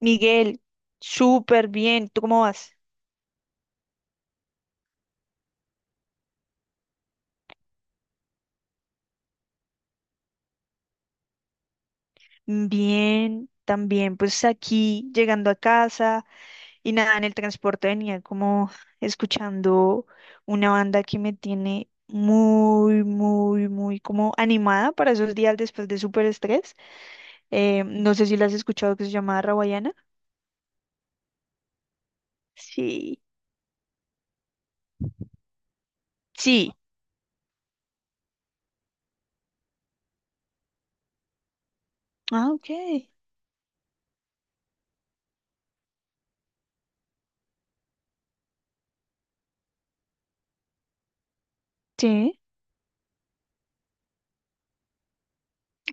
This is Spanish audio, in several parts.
Miguel, súper bien. ¿Tú cómo vas? Bien, también. Pues aquí, llegando a casa y nada, en el transporte venía como escuchando una banda que me tiene muy, muy, muy como animada para esos días después de súper estrés. No sé si la has escuchado, que se llama Rawayana. Sí. Sí. Ah, ok. Sí,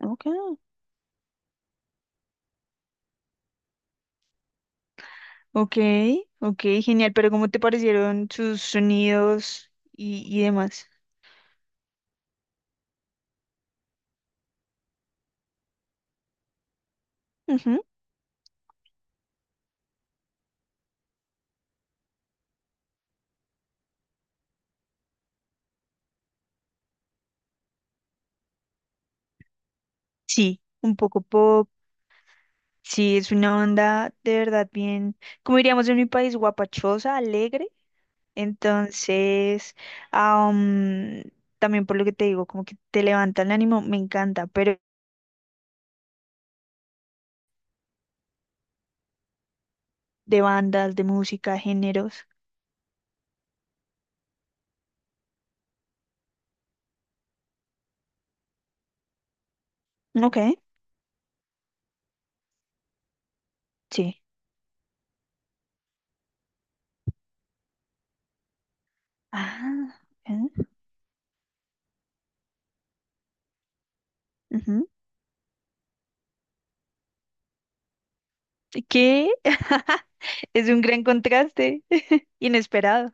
ok. Ok, ok, genial. Pero ¿cómo te parecieron sus sonidos y demás? Ujú. Sí, un poco pop. Sí, es una onda de verdad bien, como diríamos en mi país, guapachosa, alegre. Entonces, ah, mm, también por lo que te digo, como que te levanta el ánimo, me encanta. Pero de bandas, de música, géneros. Ok, sí. Ah, ok, ujú. ¿Qué? Es un gran contraste, inesperado.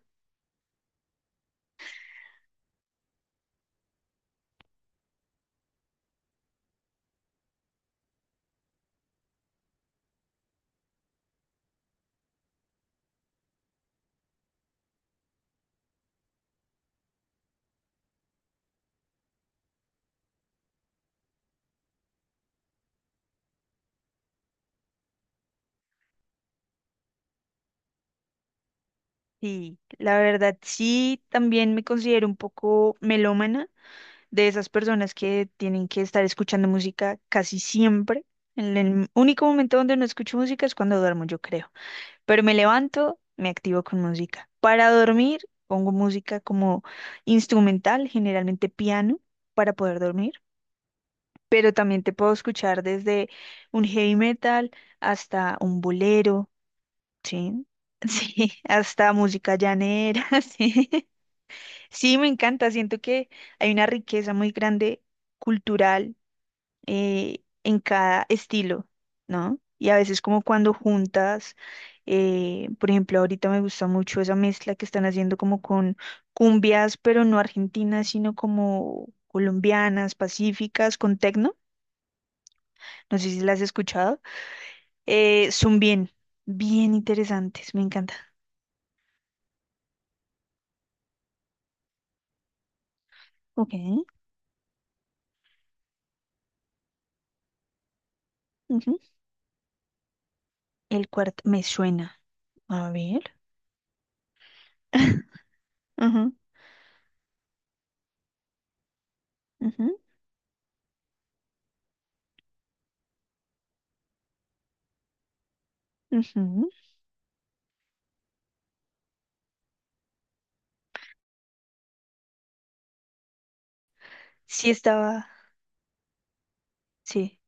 Sí, la verdad sí, también me considero un poco melómana, de esas personas que tienen que estar escuchando música casi siempre. El único momento donde no escucho música es cuando duermo, yo creo. Pero me levanto, me activo con música. Para dormir, pongo música como instrumental, generalmente piano, para poder dormir. Pero también te puedo escuchar desde un heavy metal hasta un bolero, ¿sí? Sí, hasta música llanera, sí. Sí, me encanta. Siento que hay una riqueza muy grande cultural, en cada estilo, ¿no? Y a veces como cuando juntas, por ejemplo, ahorita me gusta mucho esa mezcla que están haciendo como con cumbias, pero no argentinas, sino como colombianas, pacíficas, con tecno. No sé si las has escuchado. Son bien, bien interesantes. Me encanta. Ok. Ujú. El cuarto me suena. A ver. Ajá, ajá. Ujú. Sí estaba, sí.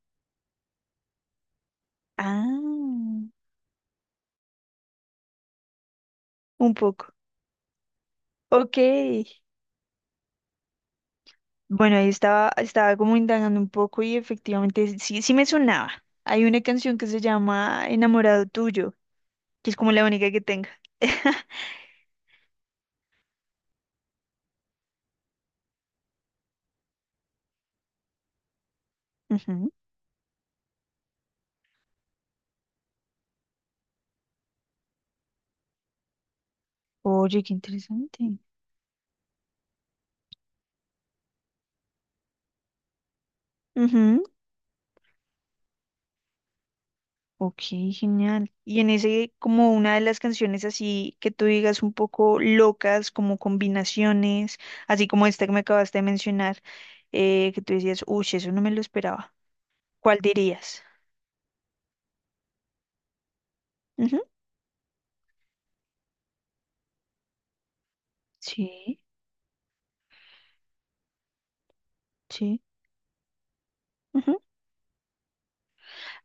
Ah, un poco. Ok. Bueno, ahí estaba, estaba como indagando un poco y efectivamente sí, sí me sonaba. Hay una canción que se llama Enamorado Tuyo, que es como la única que tenga. Ujú. Oye, qué interesante. Ujú. Ok, genial. Y en ese, como una de las canciones así que tú digas un poco locas, como combinaciones, así como esta que me acabaste de mencionar, que tú decías, uy, eso no me lo esperaba. ¿Cuál dirías? Ujú. Sí, sí. Ujú.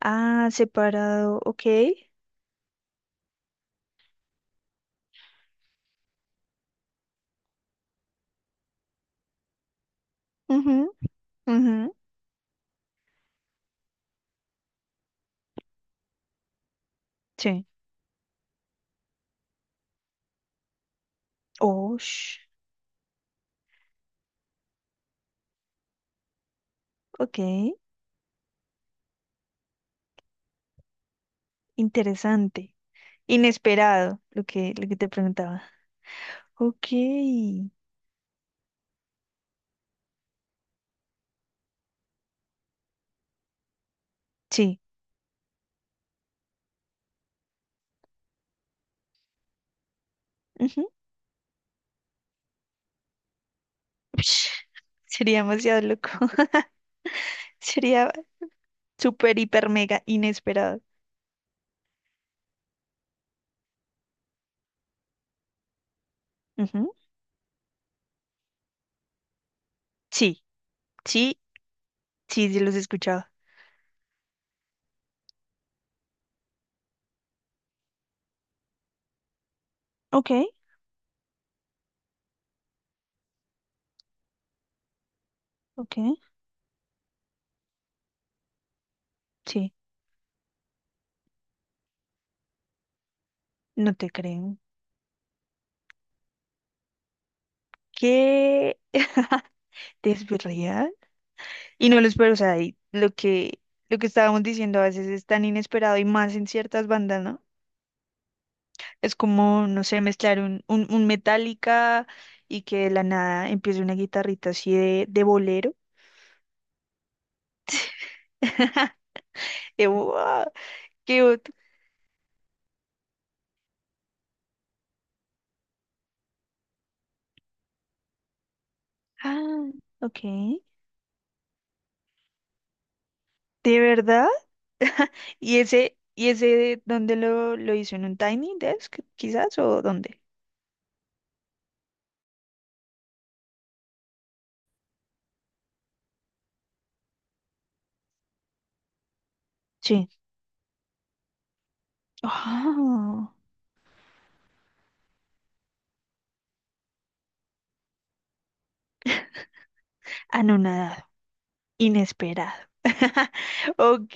Ah, separado, ok. Ujú, ujú. Sí. Oh, sh- ok. Interesante. Inesperado, lo que te preguntaba. Ok. Sí. Ujú. Ush, sería demasiado loco. Sería súper, hiper, mega inesperado. Ujú. Sí, sí, sí, sí los he escuchado. Ok, ok, sí, no te creo. ¿Qué? ¿Te Y no lo espero, o sea, y lo que estábamos diciendo a veces es tan inesperado y más en ciertas bandas, ¿no? Es como, no sé, mezclar un, un Metallica y que de la nada empiece una guitarrita así de bolero. Y, ¡guau! ¡Qué ot- Ah, ok. ¿De verdad? Y ese dónde lo hizo? ¿En un Tiny Desk, quizás? ¿O dónde? Sí. Oh, anonadado. Inesperado. Ok.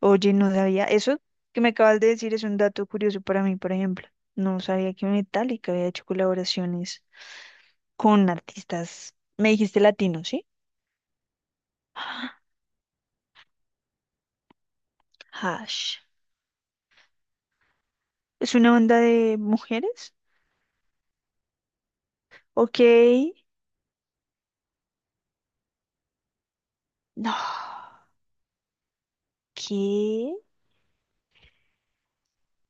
Oye, no sabía. Eso que me acabas de decir es un dato curioso para mí, por ejemplo. No sabía que Metallica había hecho colaboraciones con artistas. Me dijiste latino, ¿sí? Ah, Hash. ¿Es una banda de mujeres? Ok. No. ¿Qué?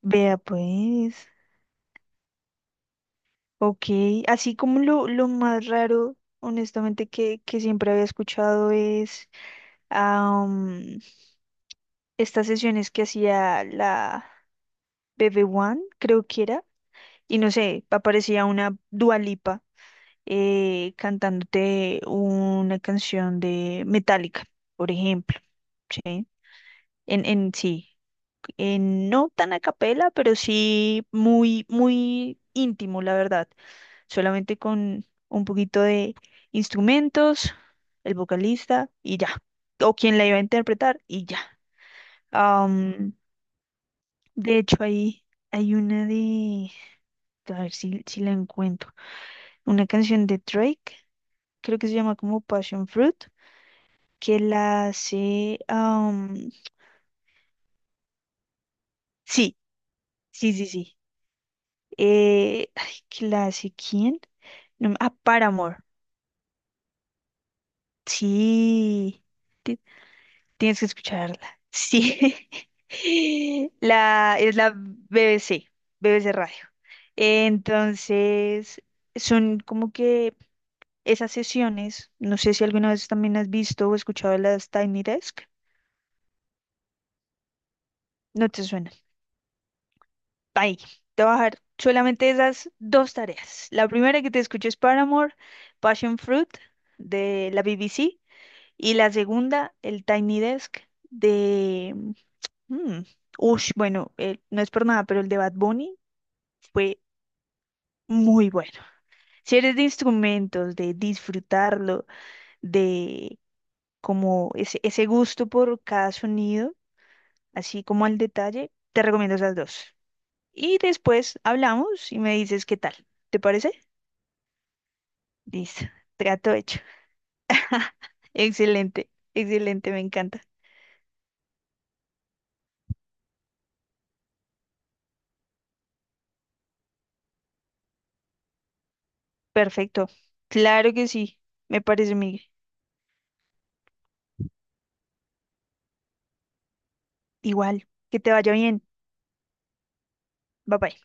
Vea pues. Ok. Así como lo más raro, honestamente, que siempre había escuchado es estas sesiones que hacía la bb One, creo que era, y no sé, aparecía una Dua Lipa, cantándote una canción de Metallica, por ejemplo, ¿sí? En sí, en, no tan a capela, pero sí muy, muy íntimo, la verdad, solamente con un poquito de instrumentos, el vocalista y ya, o quien la iba a interpretar y ya. De hecho, ahí hay una de... A ver si, si la encuentro. Una canción de Drake, creo que se llama como Passion Fruit, que la hace... sí, sí, sí, sí. ¿Que la hace quién? No me- ah, Paramore. Sí. Ti- Tienes que escucharla. Sí. La, es la BBC, BBC Radio. Entonces, son como que esas sesiones, no sé si alguna vez también has visto o escuchado de las Tiny Desk, no te suena. Ahí, te voy a dejar solamente esas dos tareas. La primera que te escucho es Paramore, Passion Fruit de la BBC, y la segunda, el Tiny Desk de... mm, bueno, no es por nada, pero el de Bad Bunny fue muy bueno. Si eres de instrumentos, de disfrutarlo, de como ese gusto por cada sonido, así como al detalle, te recomiendo esas dos. Y después hablamos y me dices qué tal. ¿Te parece? Listo, trato hecho. Excelente, excelente, me encanta. Perfecto. Claro que sí, me parece, Miguel. Igual, que te vaya bien. Bye bye.